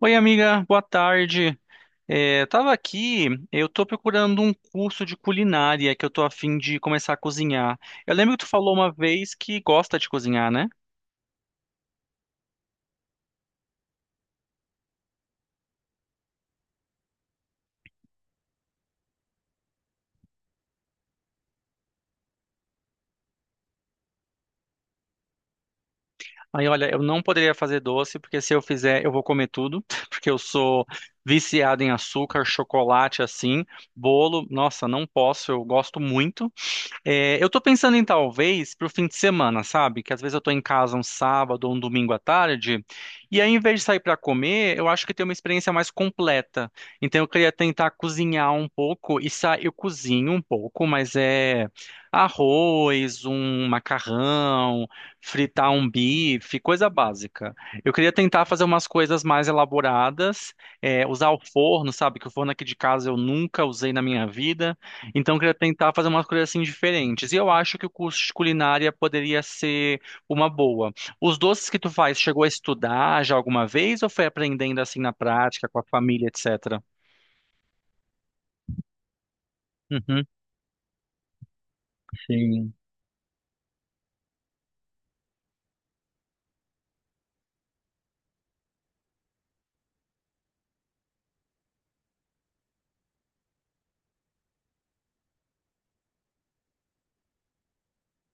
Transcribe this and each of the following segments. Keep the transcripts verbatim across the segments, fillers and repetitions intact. Oi, amiga, boa tarde. É, tava aqui, eu tô procurando um curso de culinária que eu tô a fim de começar a cozinhar. Eu lembro que tu falou uma vez que gosta de cozinhar, né? Aí, olha, eu não poderia fazer doce, porque se eu fizer, eu vou comer tudo, porque eu sou viciado em açúcar, chocolate, assim, bolo. Nossa, não posso, eu gosto muito. É, eu tô pensando em talvez pro fim de semana, sabe? Que às vezes eu tô em casa um sábado ou um domingo à tarde, e aí em vez de sair pra comer, eu acho que tem uma experiência mais completa. Então eu queria tentar cozinhar um pouco e sa... eu cozinho um pouco, mas é arroz, um macarrão, fritar um bife, coisa básica. Eu queria tentar fazer umas coisas mais elaboradas, é, usar o forno, sabe? Que o forno aqui de casa eu nunca usei na minha vida. Então, eu queria tentar fazer umas coisas assim diferentes. E eu acho que o curso de culinária poderia ser uma boa. Os doces que tu faz, chegou a estudar já alguma vez ou foi aprendendo assim na prática, com a família, etc? Uhum, sim.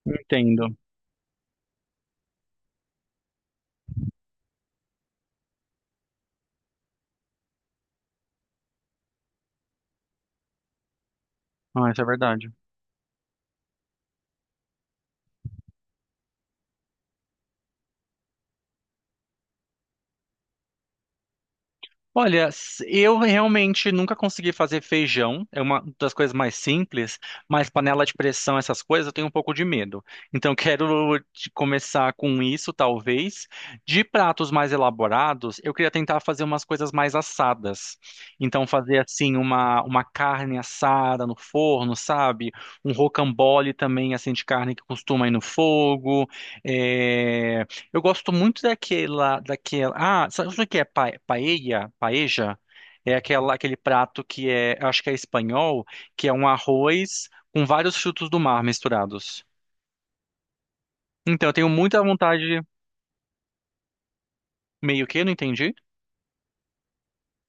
Entendo. Ah, isso é verdade. Olha, s- eu realmente nunca consegui fazer feijão, é uma das coisas mais simples, mas panela de pressão, essas coisas, eu tenho um pouco de medo. Então, quero te- começar com isso, talvez. De pratos mais elaborados, eu queria tentar fazer umas coisas mais assadas. Então, fazer assim, uma, uma carne assada no forno, sabe? Um rocambole também, assim, de carne que costuma ir no fogo. eh, eu gosto muito daquela, daquela. Ah, sabe o que é pa, paella? Paeja? É aquela, aquele prato que é, acho que é espanhol, que é um arroz com vários frutos do mar misturados. Então, eu tenho muita vontade, meio que, não entendi.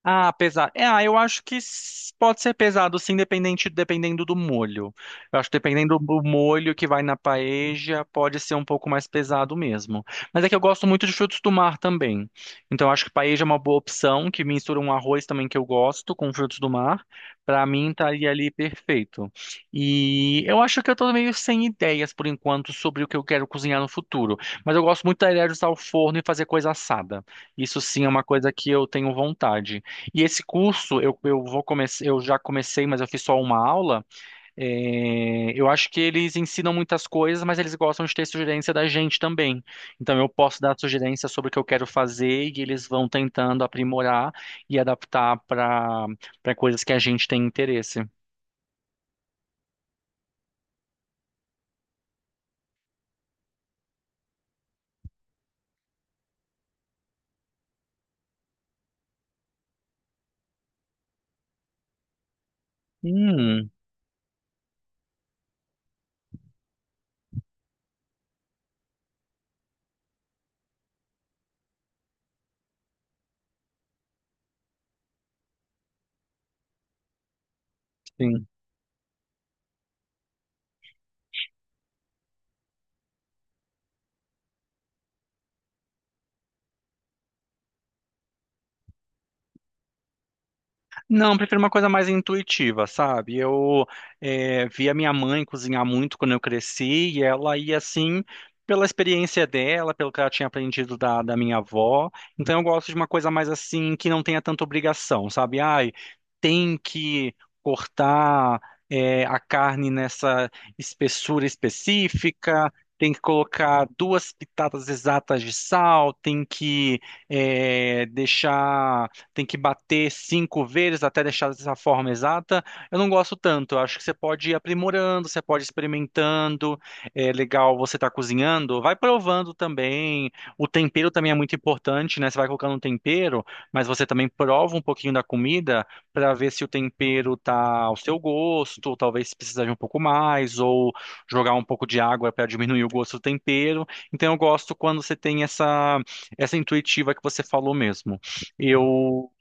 Ah, pesado. É, ah, eu acho que s- pode ser pesado, sim, dependente, dependendo do molho. Eu acho que dependendo do molho que vai na paeja, pode ser um pouco mais pesado mesmo. Mas é que eu gosto muito de frutos do mar também. Então, eu acho que paeja é uma boa opção, que mistura um arroz também que eu gosto com frutos do mar. Pra mim, estaria ali perfeito. E eu acho que eu tô meio sem ideias, por enquanto, sobre o que eu quero cozinhar no futuro. Mas eu gosto muito da ideia de usar o forno e fazer coisa assada. Isso sim é uma coisa que eu tenho vontade. E esse curso eu, eu vou começar, eu já comecei, mas eu fiz só uma aula. É, eu acho que eles ensinam muitas coisas, mas eles gostam de ter sugerência da gente também. Então eu posso dar sugerência sobre o que eu quero fazer e eles vão tentando aprimorar e adaptar para para coisas que a gente tem interesse. Hum, sim. Não, eu prefiro uma coisa mais intuitiva, sabe? Eu eh, via minha mãe cozinhar muito quando eu cresci e ela ia assim pela experiência dela, pelo que ela tinha aprendido da, da minha avó. Então eu gosto de uma coisa mais assim que não tenha tanta obrigação, sabe? Ai, tem que cortar eh, a carne nessa espessura específica. Tem que colocar duas pitadas exatas de sal, tem que eh, deixar tem que bater cinco vezes até deixar dessa forma exata. Eu não gosto tanto. Eu acho que você pode ir aprimorando, você pode ir experimentando. É legal você estar cozinhando, vai provando também. O tempero também é muito importante, né? Você vai colocando um tempero, mas você também prova um pouquinho da comida para ver se o tempero tá ao seu gosto, ou talvez precisar de um pouco mais, ou jogar um pouco de água para diminuir o gosto do tempero. Então eu gosto quando você tem essa essa intuitiva que você falou mesmo. Eu,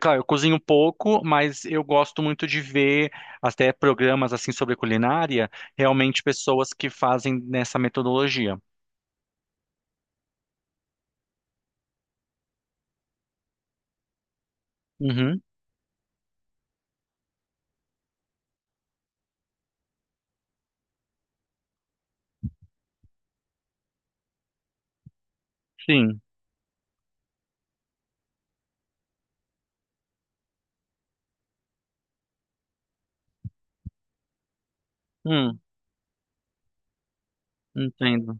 claro, eu cozinho um pouco, mas eu gosto muito de ver até programas assim sobre culinária, realmente pessoas que fazem nessa metodologia. Uhum, sim. Hum, entendo.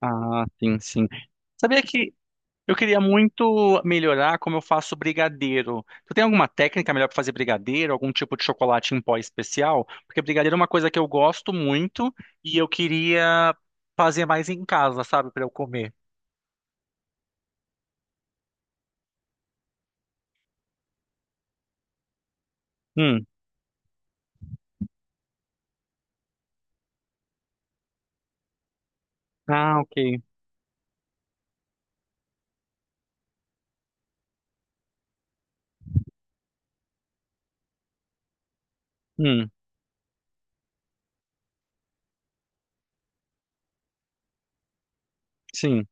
Ah, sim, sim. Sabia que eu queria muito melhorar como eu faço brigadeiro. Tu tem alguma técnica melhor para fazer brigadeiro, algum tipo de chocolate em pó especial? Porque brigadeiro é uma coisa que eu gosto muito e eu queria fazer mais em casa, sabe, para eu comer. Hum. Ah, ok. Hum, sim.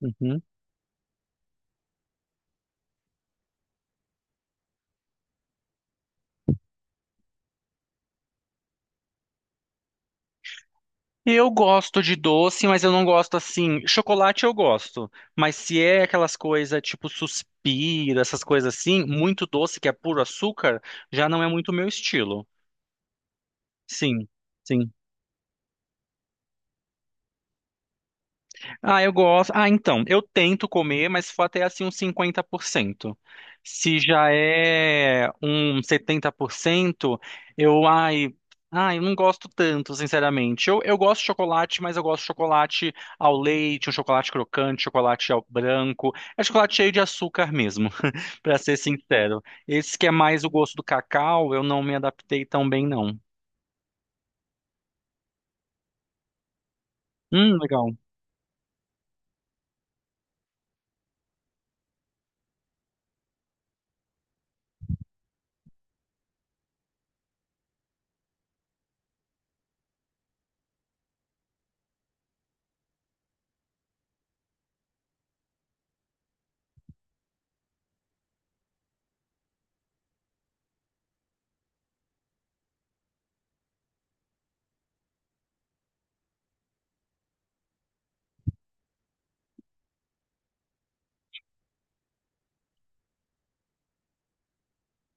Uhum. Eu gosto de doce, mas eu não gosto assim. Chocolate eu gosto, mas se é aquelas coisas tipo suspiro, essas coisas assim, muito doce que é puro açúcar, já não é muito o meu estilo. Sim, sim. Ah, eu gosto. Ah, então, eu tento comer, mas se for até assim uns cinquenta por cento. Se já é um setenta por cento, eu, ai, ai, eu não gosto tanto, sinceramente. Eu, eu gosto de chocolate, mas eu gosto de chocolate ao leite, um chocolate crocante, chocolate ao branco. É chocolate cheio de açúcar mesmo, pra ser sincero. Esse que é mais o gosto do cacau, eu não me adaptei tão bem, não. Hum, legal.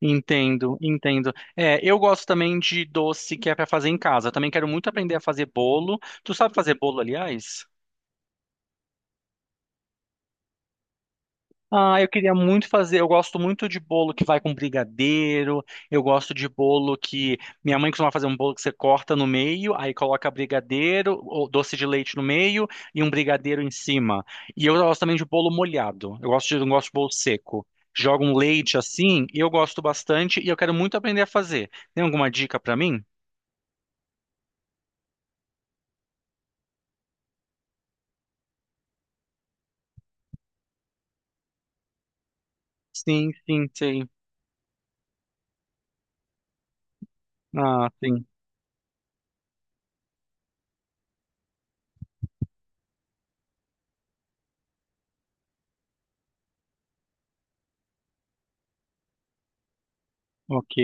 Entendo, entendo. É, eu gosto também de doce que é para fazer em casa. Eu também quero muito aprender a fazer bolo. Tu sabe fazer bolo, aliás? Ah, eu queria muito fazer. Eu gosto muito de bolo que vai com brigadeiro. Eu gosto de bolo que minha mãe costuma fazer um bolo que você corta no meio, aí coloca brigadeiro ou doce de leite no meio e um brigadeiro em cima. E eu gosto também de bolo molhado. Eu gosto de, não gosto de bolo seco. Joga um leite assim, eu gosto bastante e eu quero muito aprender a fazer. Tem alguma dica para mim? Sim, sim, sei. Ah, sim. Ok.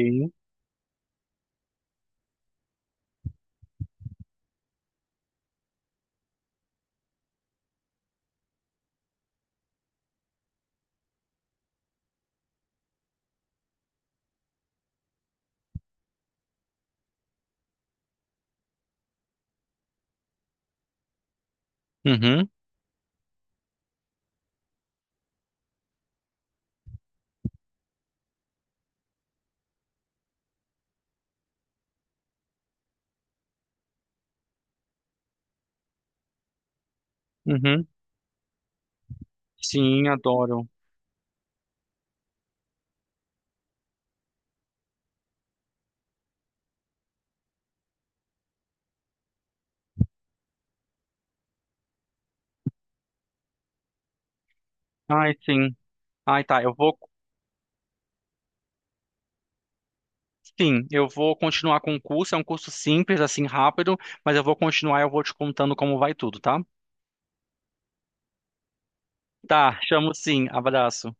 Uhum, uhum. Sim, adoro. Ai, sim. Ai, tá. Eu vou. Sim, eu vou continuar com o curso. É um curso simples, assim, rápido, mas eu vou continuar e eu vou te contando como vai tudo, tá? Tá, chamo sim. Abraço.